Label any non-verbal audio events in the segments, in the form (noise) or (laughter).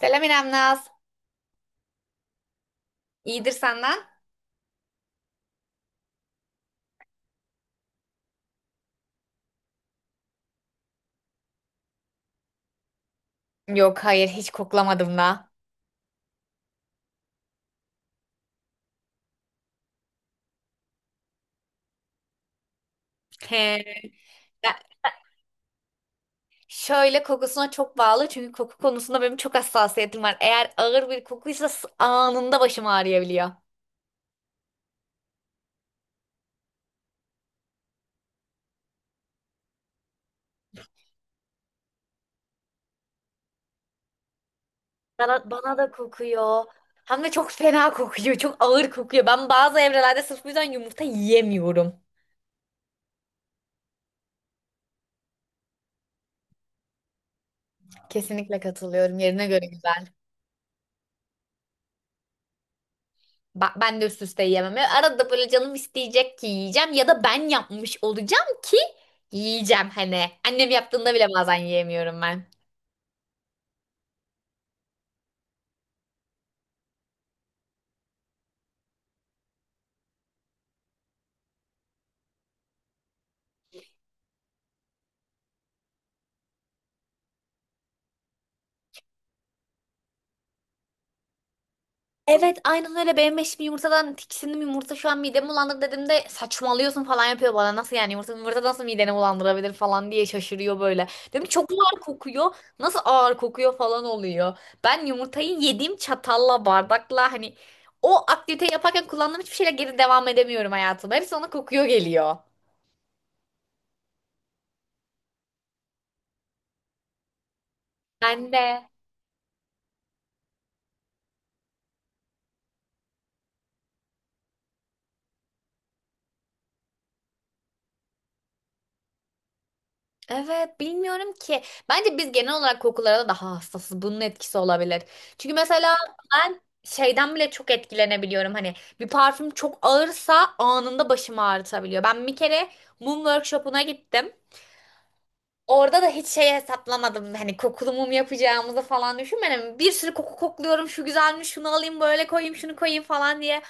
Selam İrem Naz. İyidir senden? Yok hayır hiç koklamadım da. He. Ya, şöyle kokusuna çok bağlı çünkü koku konusunda benim çok hassasiyetim var. Eğer ağır bir kokuysa anında başım ağrıyabiliyor. Bana da kokuyor. Hem de çok fena kokuyor. Çok ağır kokuyor. Ben bazı evrelerde sırf bu yüzden yumurta yiyemiyorum. Kesinlikle katılıyorum. Yerine göre güzel. Ben de üst üste yiyemem. Ya arada böyle canım isteyecek ki yiyeceğim ya da ben yapmış olacağım ki yiyeceğim hani. Annem yaptığında bile bazen yiyemiyorum ben. Evet aynen öyle, benim eşim, yumurtadan tiksindim, yumurta şu an midemi bulandırdı dediğimde saçmalıyorsun falan yapıyor bana, nasıl yani yumurta nasıl mideni bulandırabilir falan diye şaşırıyor böyle. Dedim çok ağır kokuyor, nasıl ağır kokuyor falan oluyor. Ben yumurtayı yediğim çatalla bardakla hani o aktivite yaparken kullandığım hiçbir şeyle geri devam edemiyorum hayatıma. Hepsi ona kokuyor geliyor. Ben de. Evet bilmiyorum ki. Bence biz genel olarak kokulara daha hassasız. Bunun etkisi olabilir. Çünkü mesela ben şeyden bile çok etkilenebiliyorum. Hani bir parfüm çok ağırsa anında başımı ağrıtabiliyor. Ben bir kere mum workshop'una gittim. Orada da hiç şey hesaplamadım. Hani kokulu mum yapacağımızı falan düşünmedim. Bir sürü koku kokluyorum. Şu güzelmiş, şunu alayım, böyle koyayım, şunu koyayım falan diye.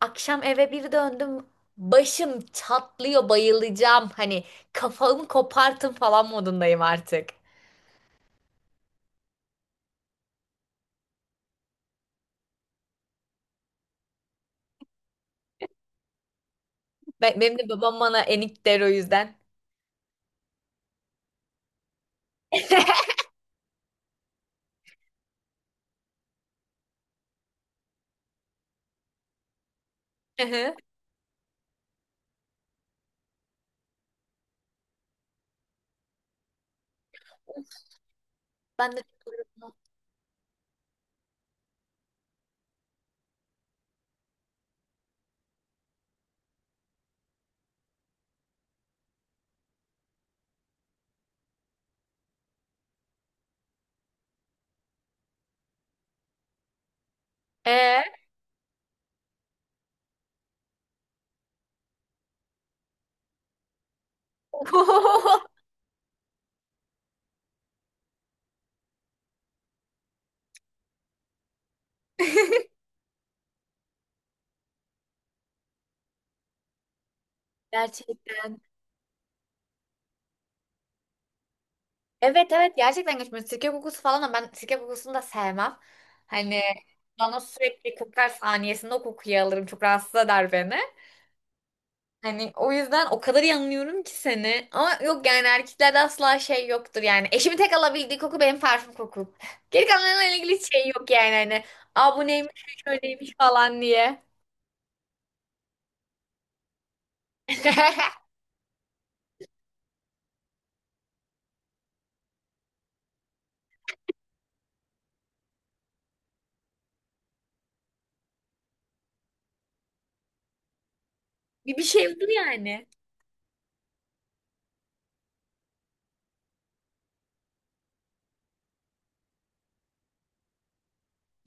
Akşam eve bir döndüm. Başım çatlıyor, bayılacağım. Hani kafamı kopartın falan modundayım artık. Benim de babam bana enik der o yüzden. (laughs) Ben de çok üzüldüm. Ee? (laughs) Gerçekten. Evet evet gerçekten geçmiyor. Sirke kokusu falan da, ben sirke kokusunu da sevmem. Hani bana sürekli kokar, saniyesinde o kokuyu alırım. Çok rahatsız eder beni. Hani o yüzden o kadar iyi anlıyorum ki seni. Ama yok yani, erkeklerde asla şey yoktur yani. Eşimin tek alabildiği koku benim parfüm kokum. (laughs) Geri kalanlarla ilgili hiç şey yok yani hani. Aa bu neymiş, şu şöyleymiş falan diye. (laughs) Bir şey yoktur yani.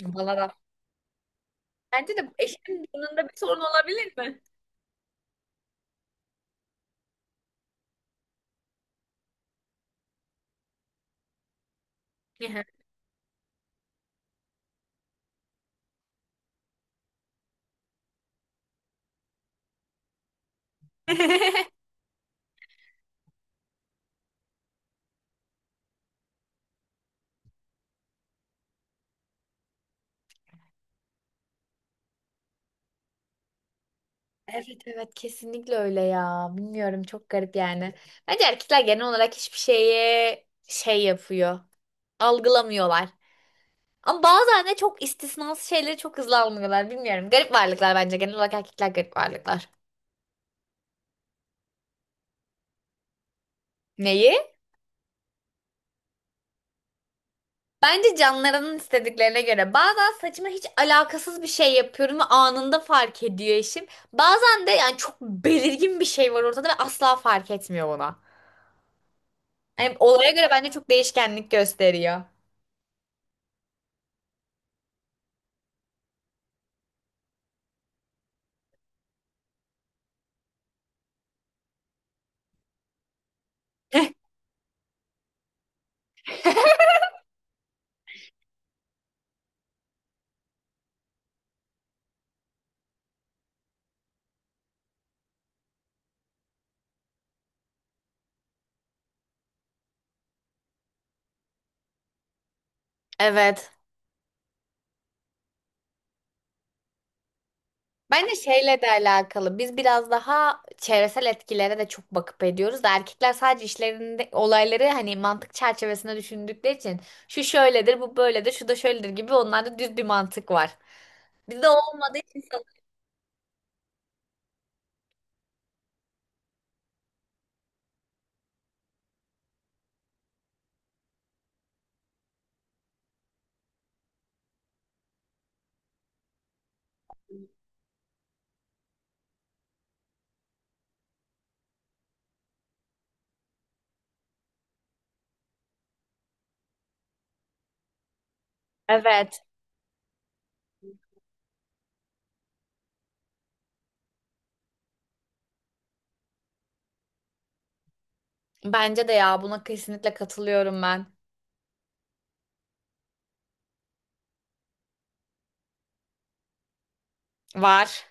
Bana da. Bence de eşimin yanında bir sorun olabilir mi? (laughs) Evet evet kesinlikle öyle ya. Bilmiyorum, çok garip yani. Bence erkekler genel olarak hiçbir şeye şey yapıyor. Algılamıyorlar. Ama bazen de çok istisnası şeyleri çok hızlı algılıyorlar. Bilmiyorum. Garip varlıklar bence. Genel olarak erkekler garip varlıklar. Neyi? Bence canlarının istediklerine göre. Bazen saçıma hiç alakasız bir şey yapıyorum ve anında fark ediyor eşim. Bazen de yani çok belirgin bir şey var ortada ve asla fark etmiyor ona. Yani olaya göre bence çok değişkenlik gösteriyor. Evet. Bence şeyle de alakalı. Biz biraz daha çevresel etkilere de çok bakıp ediyoruz da erkekler sadece işlerinde olayları hani mantık çerçevesinde düşündükleri için şu şöyledir, bu böyledir, şu da şöyledir gibi onlarda düz bir mantık var. Bizde olmadığı için sanırım. Evet. Bence de ya, buna kesinlikle katılıyorum ben. Var.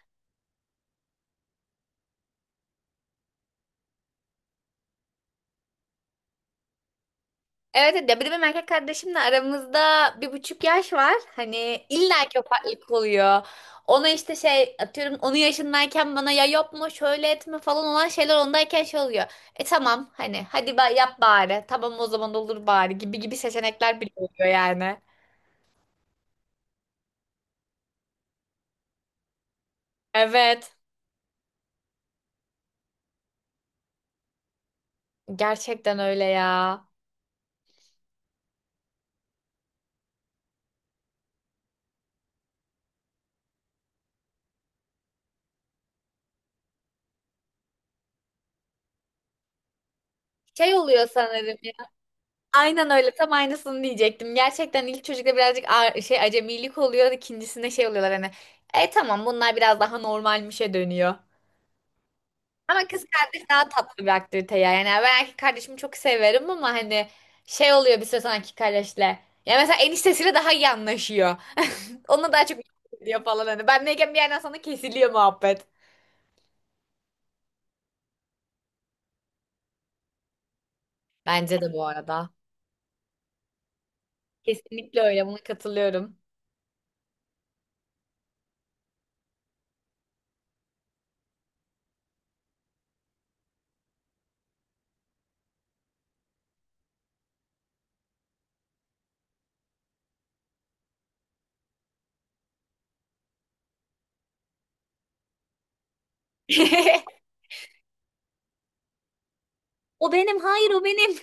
Evet evet. Ya bir de benim erkek kardeşimle aramızda bir buçuk yaş var. Hani illa ki o farklılık oluyor. Ona işte şey atıyorum, onun yaşındayken bana ya yapma şöyle etme falan olan şeyler ondayken şey oluyor. E tamam hani, hadi yap bari, tamam o zaman, olur bari gibi gibi seçenekler bile oluyor yani. Evet gerçekten öyle ya. Şey oluyor sanırım. Aynen öyle. Tam aynısını diyecektim. Gerçekten ilk çocukta birazcık şey acemilik oluyor. İkincisinde şey oluyorlar hani. E tamam, bunlar biraz daha normalmişe dönüyor. Ama kız kardeş daha tatlı bir aktivite ya. Yani ben erkek kardeşimi çok severim ama hani şey oluyor bir süre sonra erkek kardeşle. Ya mesela eniştesiyle daha iyi anlaşıyor. (laughs) Onunla daha çok diyor falan hani. Ben neyken bir yerden sonra kesiliyor muhabbet. Bence de bu arada. Kesinlikle öyle. Buna katılıyorum. (laughs) O benim, hayır o benim.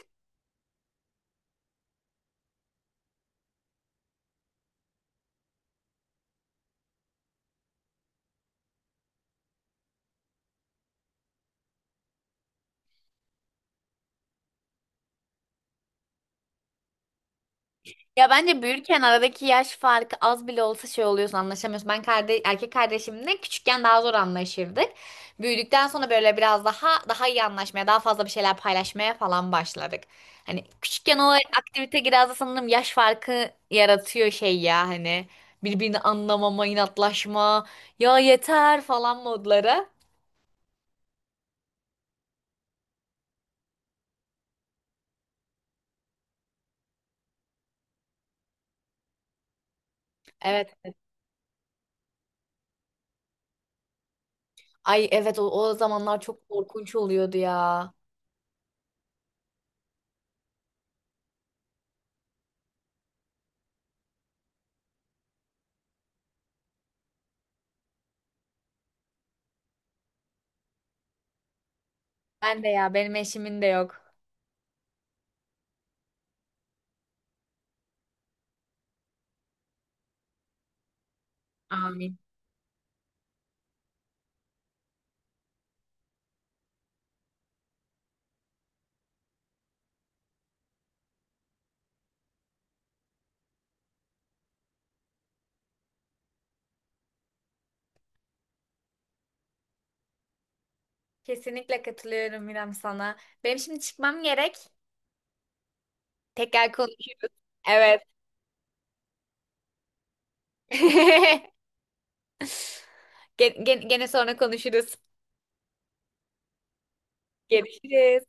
Ya bence büyürken aradaki yaş farkı az bile olsa şey oluyorsun, anlaşamıyorsun. Ben erkek kardeşimle küçükken daha zor anlaşırdık. Büyüdükten sonra böyle biraz daha iyi anlaşmaya, daha fazla bir şeyler paylaşmaya falan başladık. Hani küçükken o aktivite biraz da sanırım yaş farkı yaratıyor şey ya, hani birbirini anlamama, inatlaşma, ya yeter falan modları. Evet. Ay evet, o zamanlar çok korkunç oluyordu ya. Ben de ya, benim eşimin de yok. Amin. Kesinlikle katılıyorum İrem sana. Benim şimdi çıkmam gerek. Tekrar konuşuruz. Evet. (laughs) Gene sonra konuşuruz. Görüşürüz.